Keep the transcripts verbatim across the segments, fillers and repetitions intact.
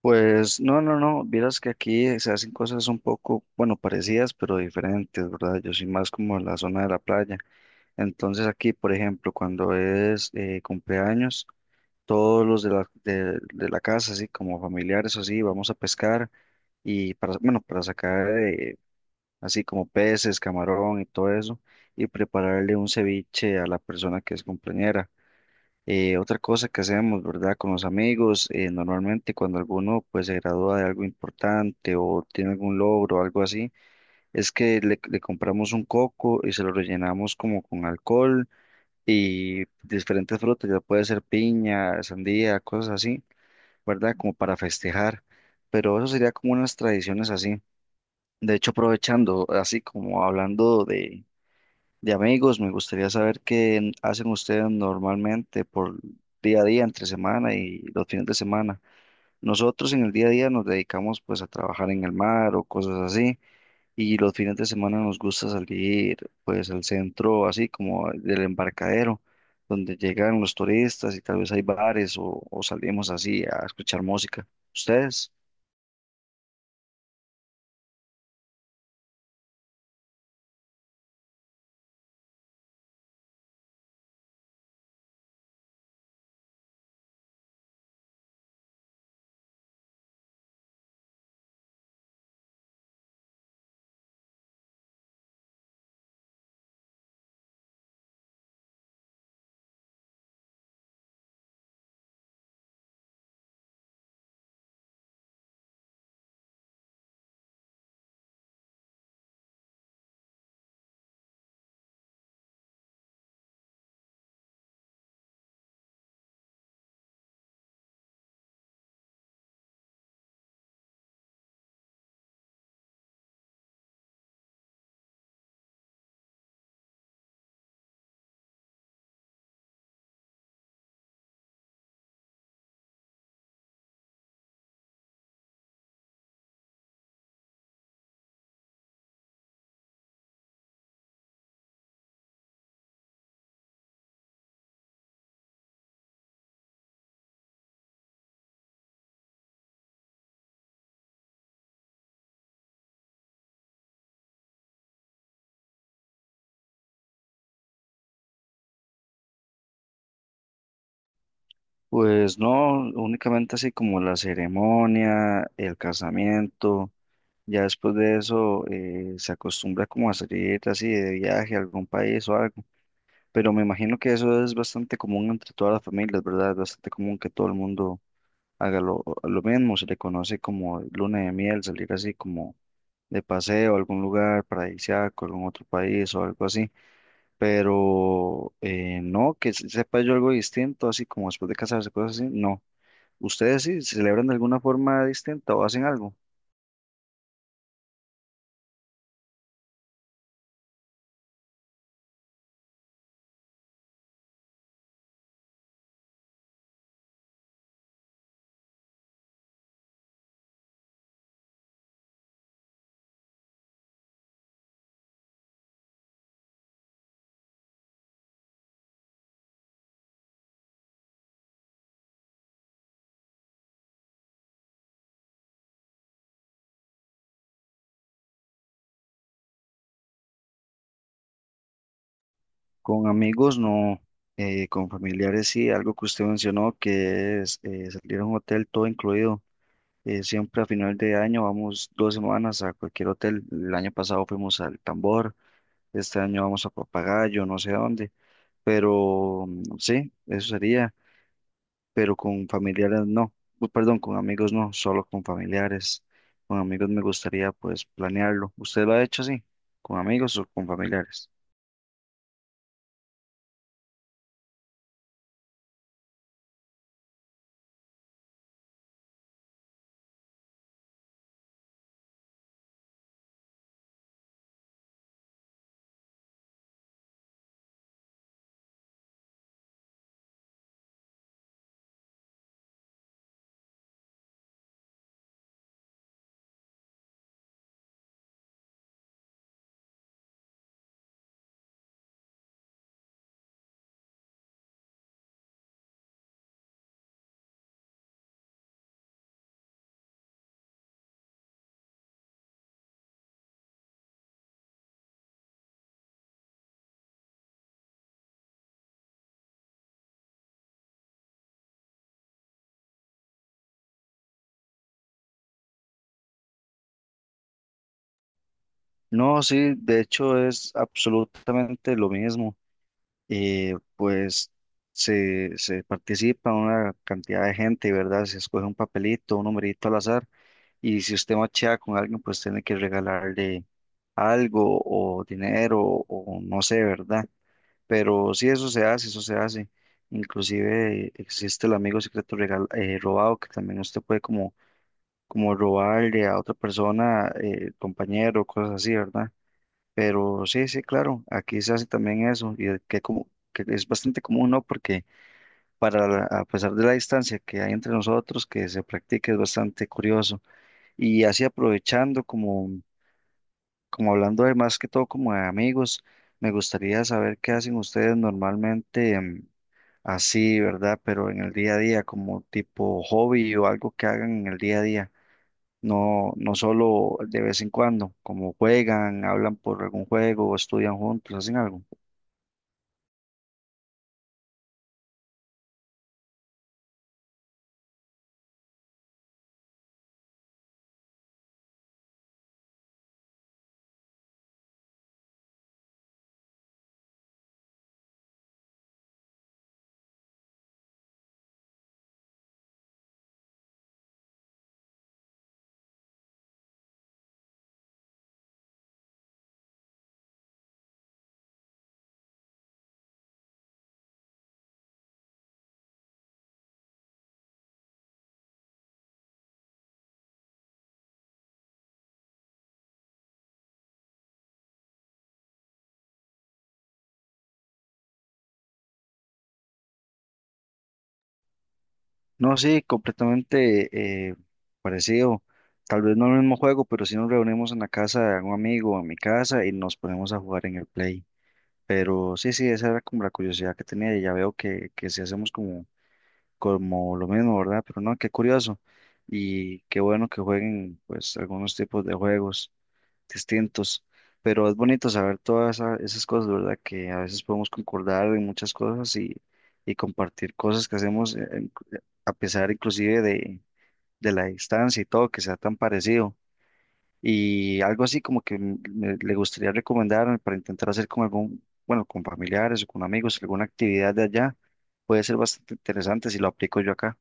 Pues no, no, no, vieras que aquí eh, se hacen cosas un poco, bueno, parecidas, pero diferentes, ¿verdad? Yo soy más como en la zona de la playa. Entonces aquí, por ejemplo, cuando es eh, cumpleaños, todos los de la, de, de la casa, así como familiares o así, vamos a pescar y para, bueno, para sacar eh, así como peces, camarón y todo eso, y prepararle un ceviche a la persona que es cumpleañera. Eh, otra cosa que hacemos, ¿verdad? Con los amigos, eh, normalmente cuando alguno pues se gradúa de algo importante o tiene algún logro o algo así, es que le, le compramos un coco y se lo rellenamos como con alcohol y diferentes frutas, ya puede ser piña, sandía, cosas así, ¿verdad? Como para festejar, pero eso sería como unas tradiciones así. De hecho, aprovechando, así como hablando de de amigos, me gustaría saber qué hacen ustedes normalmente por día a día, entre semana y los fines de semana. Nosotros en el día a día nos dedicamos pues a trabajar en el mar o cosas así y los fines de semana nos gusta salir pues al centro así como del embarcadero donde llegan los turistas y tal vez hay bares o, o salimos así a escuchar música. ¿Ustedes? Pues no, únicamente así como la ceremonia, el casamiento. Ya después de eso eh, se acostumbra como a salir así de viaje a algún país o algo. Pero me imagino que eso es bastante común entre todas las familias, ¿verdad? Es bastante común que todo el mundo haga lo, lo mismo. Se le conoce como luna de miel, salir así como de paseo a algún lugar paradisíaco, algún otro país o algo así. Pero eh, no, que se- sepa yo algo distinto, así como después de casarse, cosas así. No. ¿Ustedes sí celebran de alguna forma distinta o hacen algo? Con amigos no, eh, con familiares sí, algo que usted mencionó que es eh, salir a un hotel todo incluido. Eh, siempre a final de año vamos dos semanas a cualquier hotel. El año pasado fuimos al Tambor, este año vamos a Papagayo, no sé a dónde, pero mm, sí, eso sería, pero con familiares no, Bu- perdón, con amigos no, solo con familiares. Con amigos me gustaría pues planearlo. ¿Usted lo ha hecho así? ¿Con amigos o con familiares? No, sí, de hecho es absolutamente lo mismo. Eh, pues se, se participa una cantidad de gente, ¿verdad? Se escoge un papelito, un numerito al azar, y si usted machea con alguien, pues tiene que regalarle algo o dinero o no sé, ¿verdad? Pero sí, eso se hace, eso se hace. Inclusive eh, existe el amigo secreto regal- eh, robado, que también usted puede como, como robarle a otra persona, eh, compañero, cosas así, ¿verdad? Pero sí, sí, claro, aquí se hace también eso y que, como, que es bastante común, ¿no? Porque para la- a pesar de la distancia que hay entre nosotros, que se practique es bastante curioso. Y así aprovechando, como, como hablando de más que todo como de amigos, me gustaría saber qué hacen ustedes normalmente em, así, ¿verdad? Pero en el día a día, como tipo hobby o algo que hagan en el día a día. No, no solo de vez en cuando, como juegan, hablan por algún juego o estudian juntos, hacen algo. No, sí, completamente eh, parecido. Tal vez no el mismo juego, pero sí nos reunimos en la casa de algún amigo o en mi casa y nos ponemos a jugar en el Play. Pero sí, sí, esa era como la curiosidad que tenía y ya veo que, que sí hacemos como, como lo mismo, ¿verdad? Pero no, qué curioso y qué bueno que jueguen pues algunos tipos de juegos distintos, pero es bonito saber todas esa- esas cosas, ¿verdad? Que a veces podemos concordar en muchas cosas y, y compartir cosas que hacemos eh, en- eh, a pesar inclusive de, de la distancia y todo, que sea tan parecido. Y algo así como que m- me- le gustaría recomendar para intentar hacer con algún, bueno, con familiares o con amigos, alguna actividad de allá, puede ser bastante interesante si lo aplico yo acá.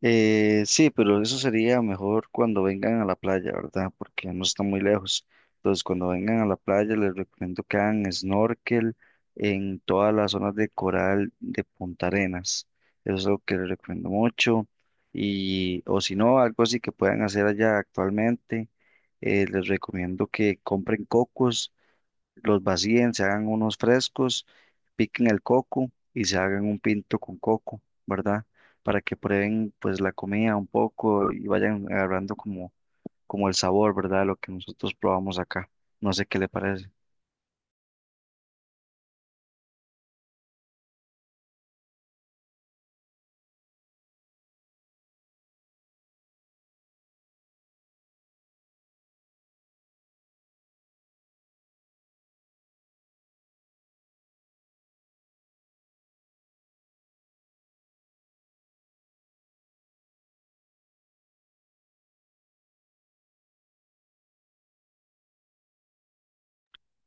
Eh, sí, pero eso sería mejor cuando vengan a la playa, ¿verdad? Porque no está muy lejos. Entonces, cuando vengan a la playa, les recomiendo que hagan snorkel en todas las zonas de coral de Punta Arenas. Eso es lo que les recomiendo mucho. Y, o si no, algo así que puedan hacer allá actualmente, eh, les recomiendo que compren cocos, los vacíen, se hagan unos frescos, piquen el coco y se hagan un pinto con coco, ¿verdad? Para que prueben pues la comida un poco y vayan agarrando como, como el sabor, ¿verdad? Lo que nosotros probamos acá. No sé qué le parece.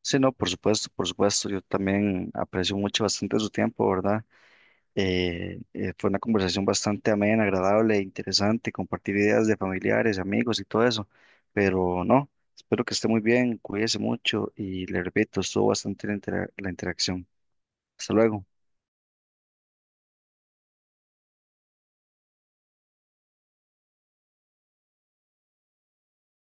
Sí, no, por supuesto, por supuesto, yo también aprecio mucho bastante su tiempo, ¿verdad? Eh, eh, fue una conversación bastante amena, agradable, interesante, compartir ideas de familiares, amigos y todo eso. Pero no, espero que esté muy bien, cuídese mucho y le repito, estuvo bastante la intera- la interacción. Hasta luego.